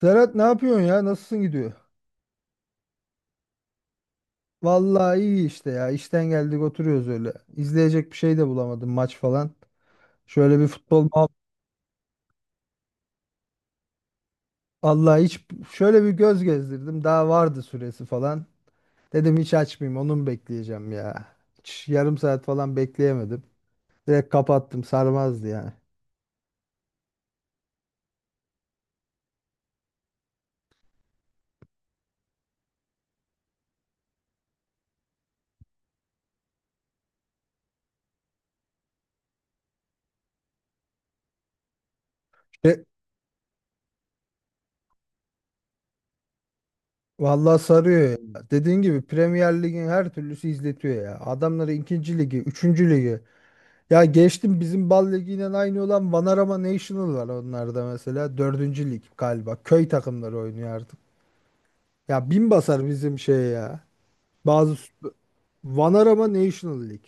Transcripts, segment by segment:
Serhat, ne yapıyorsun ya? Nasılsın, gidiyor? Vallahi iyi işte ya. İşten geldik, oturuyoruz öyle. İzleyecek bir şey de bulamadım, maç falan. Şöyle bir futbol muhab- Vallahi hiç, şöyle bir göz gezdirdim. Daha vardı süresi falan. Dedim hiç açmayayım, onu mu bekleyeceğim ya. Hiç yarım saat falan bekleyemedim. Direkt kapattım, sarmazdı yani. E, vallahi sarıyor ya. Dediğin gibi Premier Lig'in her türlüsü izletiyor ya. Adamları ikinci ligi, üçüncü ligi. Ya geçtim, bizim bal ligiyle aynı olan Vanarama National var onlarda mesela. Dördüncü lig galiba. Köy takımları oynuyor artık. Ya bin basar bizim şey ya. Bazı Vanarama National Lig.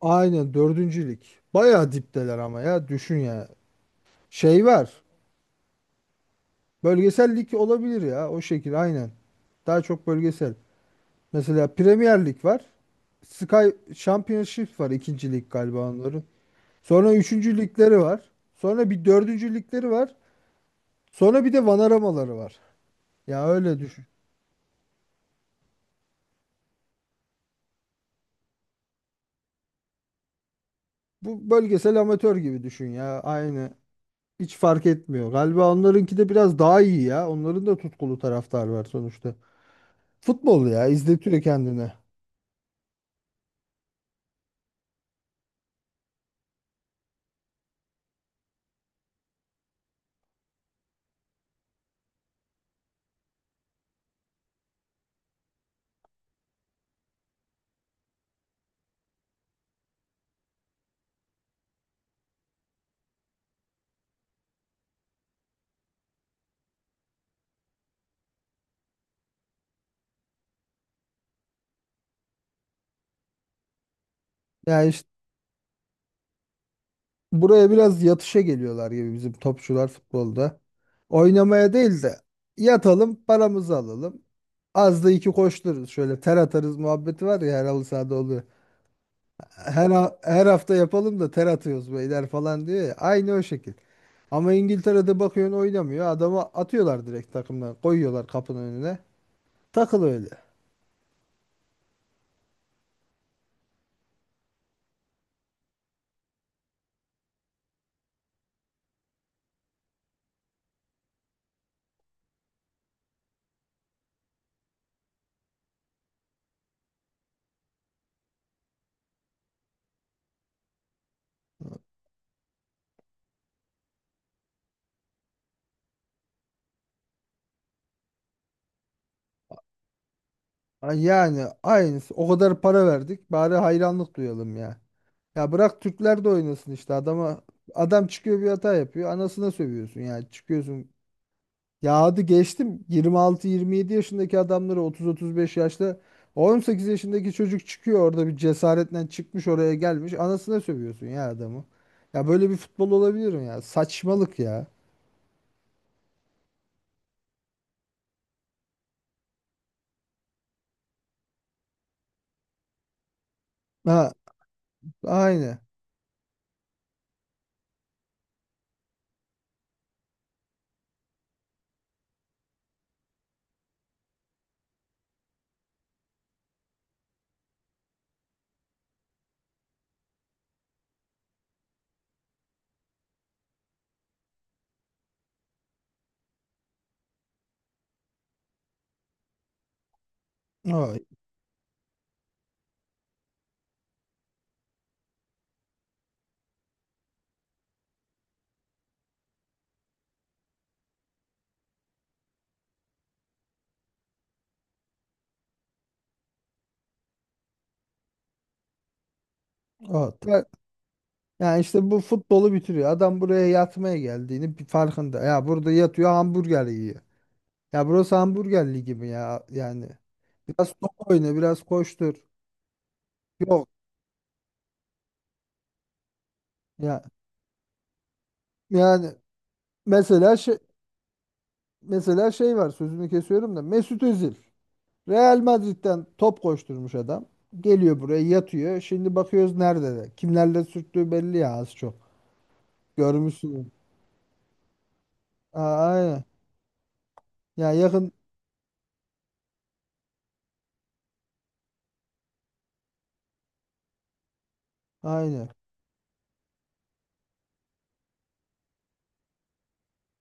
Aynen, dördüncü lig. Bayağı dipteler ama ya, düşün ya. Şey var. Bölgesel lig olabilir ya, o şekil aynen. Daha çok bölgesel. Mesela Premier Lig var. Sky Championship var, ikinci lig galiba onların. Sonra üçüncü ligleri var. Sonra bir dördüncü ligleri var. Sonra bir de vanaramaları var. Ya öyle düşün. Bu bölgesel amatör gibi düşün ya. Aynı. Hiç fark etmiyor. Galiba onlarınki de biraz daha iyi ya. Onların da tutkulu taraftar var sonuçta. Futbol ya, izletiyor kendine. Yani işte, buraya biraz yatışa geliyorlar gibi bizim topçular futbolda. Oynamaya değil de yatalım, paramızı alalım. Az da iki koştururuz, şöyle ter atarız muhabbeti var ya, her halı sahada oluyor. Her hafta yapalım da ter atıyoruz beyler falan diyor ya. Aynı o şekil. Ama İngiltere'de bakıyorsun, oynamıyor. Adamı atıyorlar direkt takımdan. Koyuyorlar kapının önüne. Takıl öyle. Ay, yani aynısı. O kadar para verdik, bari hayranlık duyalım ya. Ya bırak, Türkler de oynasın işte. Adam çıkıyor, bir hata yapıyor. Anasına sövüyorsun yani. Çıkıyorsun. Ya, hadi geçtim. 26 27 yaşındaki adamları, 30 35 yaşta, 18 yaşındaki çocuk çıkıyor orada, bir cesaretle çıkmış oraya gelmiş, anasına sövüyorsun ya adamı. Ya, böyle bir futbol olabilir mi ya? Saçmalık ya. Ha, aynı. Evet. Evet. Ya, yani işte, bu futbolu bitiriyor. Adam buraya yatmaya geldiğini bir farkında. Ya, burada yatıyor, hamburger yiyor. Ya, burası hamburger ligi mi ya? Yani biraz top oyna, biraz koştur. Yok. Ya, yani mesela şey. Mesela şey var, sözünü kesiyorum da, Mesut Özil Real Madrid'den top koşturmuş adam. Geliyor buraya yatıyor. Şimdi bakıyoruz nerede de. Kimlerle sürttüğü belli ya az çok. Görmüşsün. Aa, aynen. Ya, yakın aynen.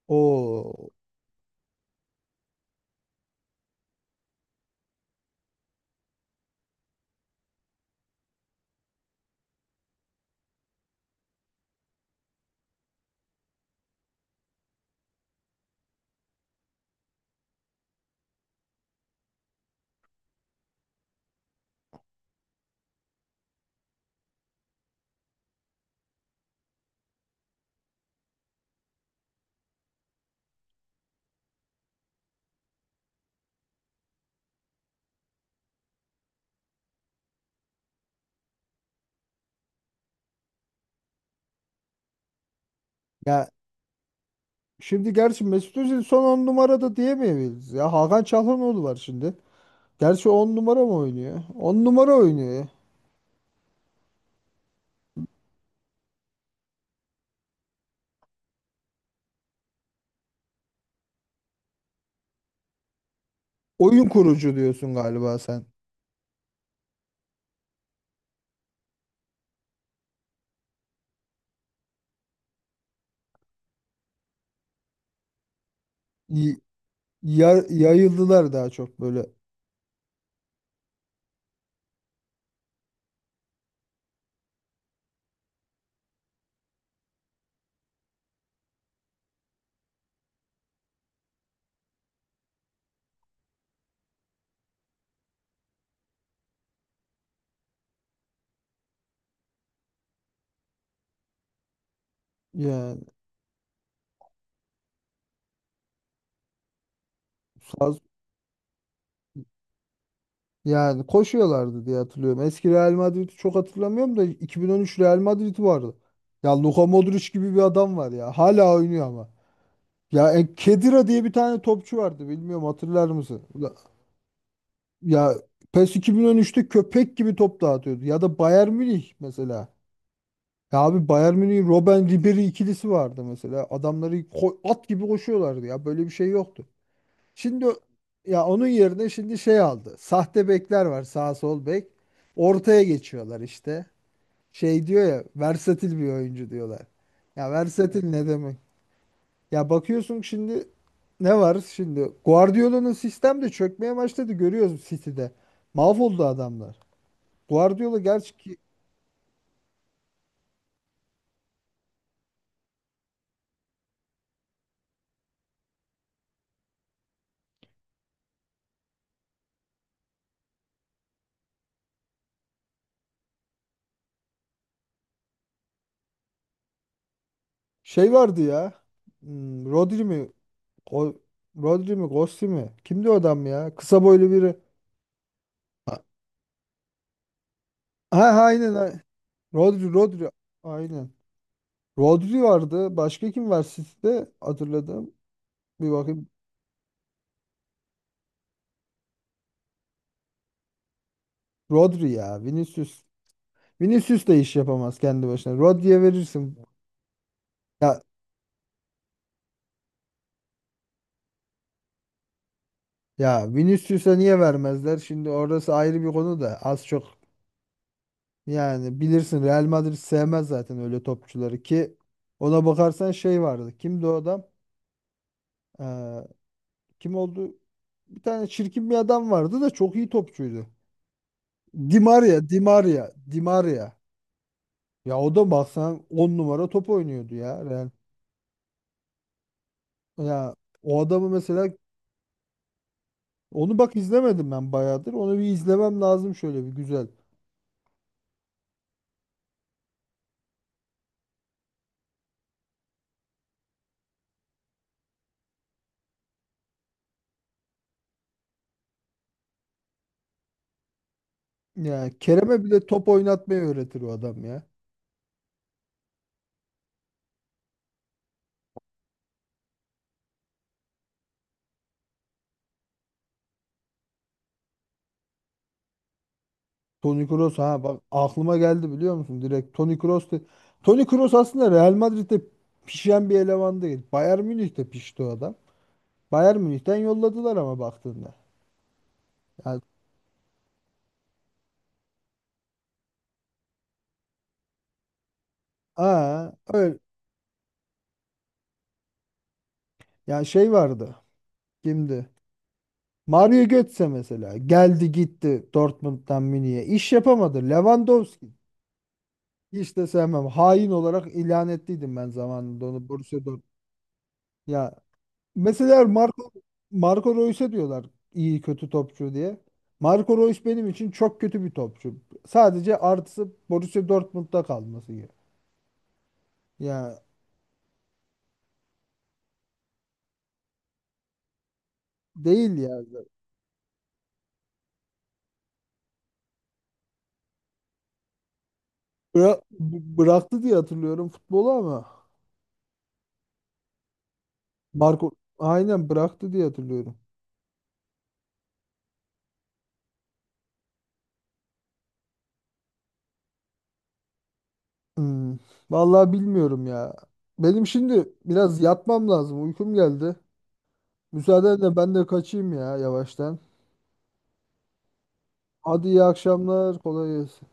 Oo. Ya şimdi gerçi, Mesut Özil son 10 numarada diyemeyiz. Ya, Hakan Çalhanoğlu var şimdi. Gerçi 10 numara mı oynuyor? 10 numara oynuyor ya. Oyun kurucu diyorsun galiba sen. Y- yayıldılar daha çok böyle. Yani sağ Yani koşuyorlardı diye hatırlıyorum. Eski Real Madrid'i çok hatırlamıyorum da, 2013 Real Madrid'i vardı. Ya Luka Modric gibi bir adam var ya. Hala oynuyor ama. Ya Khedira diye bir tane topçu vardı. Bilmiyorum, hatırlar mısın? Ula- Ya PES 2013'te köpek gibi top dağıtıyordu. Ya da Bayern Münih mesela. Ya abi, Bayern Münih'in Robben Ribery ikilisi vardı mesela. Adamları at gibi koşuyorlardı ya. Böyle bir şey yoktu. Şimdi, ya onun yerine şimdi şey aldı. Sahte bekler var, sağ sol bek. Ortaya geçiyorlar işte. Şey diyor ya, versatil bir oyuncu diyorlar. Ya, versatil ne demek? Ya bakıyorsun şimdi, ne var şimdi? Guardiola'nın sistem de çökmeye başladı, görüyoruz City'de. Mahvoldu adamlar. Guardiola gerçi ki şey vardı ya. Hmm, Rodri mi? Go- Rodri mi? Gossi mi? Kimdi o adam ya? Kısa boylu biri. Ha, ha, aynen. Ha. Rodri, Rodri. Aynen. Rodri vardı. Başka kim var City'de? Hatırladım. Bir bakayım. Rodri ya. Vinicius. Vinicius da iş yapamaz kendi başına. Rodri'ye verirsin. Ya ya Vinicius'a niye vermezler? Şimdi orası ayrı bir konu da, az çok yani bilirsin, Real Madrid sevmez zaten öyle topçuları, ki ona bakarsan şey vardı. Kimdi o adam? Ee, kim oldu? Bir tane çirkin bir adam vardı da çok iyi topçuydu. Di Maria, Di Maria, Di Maria. Ya o da baksan 10 numara top oynuyordu ya. Real. Ya o adamı mesela, onu bak izlemedim ben bayağıdır. Onu bir izlemem lazım şöyle bir güzel. Ya Kerem'e bile top oynatmayı öğretir o adam ya. Toni Kroos, ha bak, aklıma geldi biliyor musun? Direkt Toni Kroos aslında Real Madrid'de pişen bir eleman değil. Bayern Münih'te pişti o adam. Bayern Münih'ten yolladılar ama baktığında. Yani. Aa, öyle. Ya şey vardı. Kimdi? Mario Götze mesela. Geldi gitti Dortmund'dan Münih'e. İş yapamadı. Lewandowski. Hiç de sevmem. Hain olarak ilan ettiydim ben zamanında onu, Borussia Dortmund. Ya mesela Marco Reus'e diyorlar iyi kötü topçu diye. Marco Reus benim için çok kötü bir topçu. Sadece artısı, Borussia Dortmund'da kalması gibi. Ya, değil ya. Bıra- bıraktı diye hatırlıyorum futbolu ama. Marco, aynen bıraktı diye hatırlıyorum. Hmm. Vallahi bilmiyorum ya. Benim şimdi biraz yatmam lazım. Uykum geldi. Müsaadenle ben de kaçayım ya yavaştan. Hadi, iyi akşamlar. Kolay gelsin.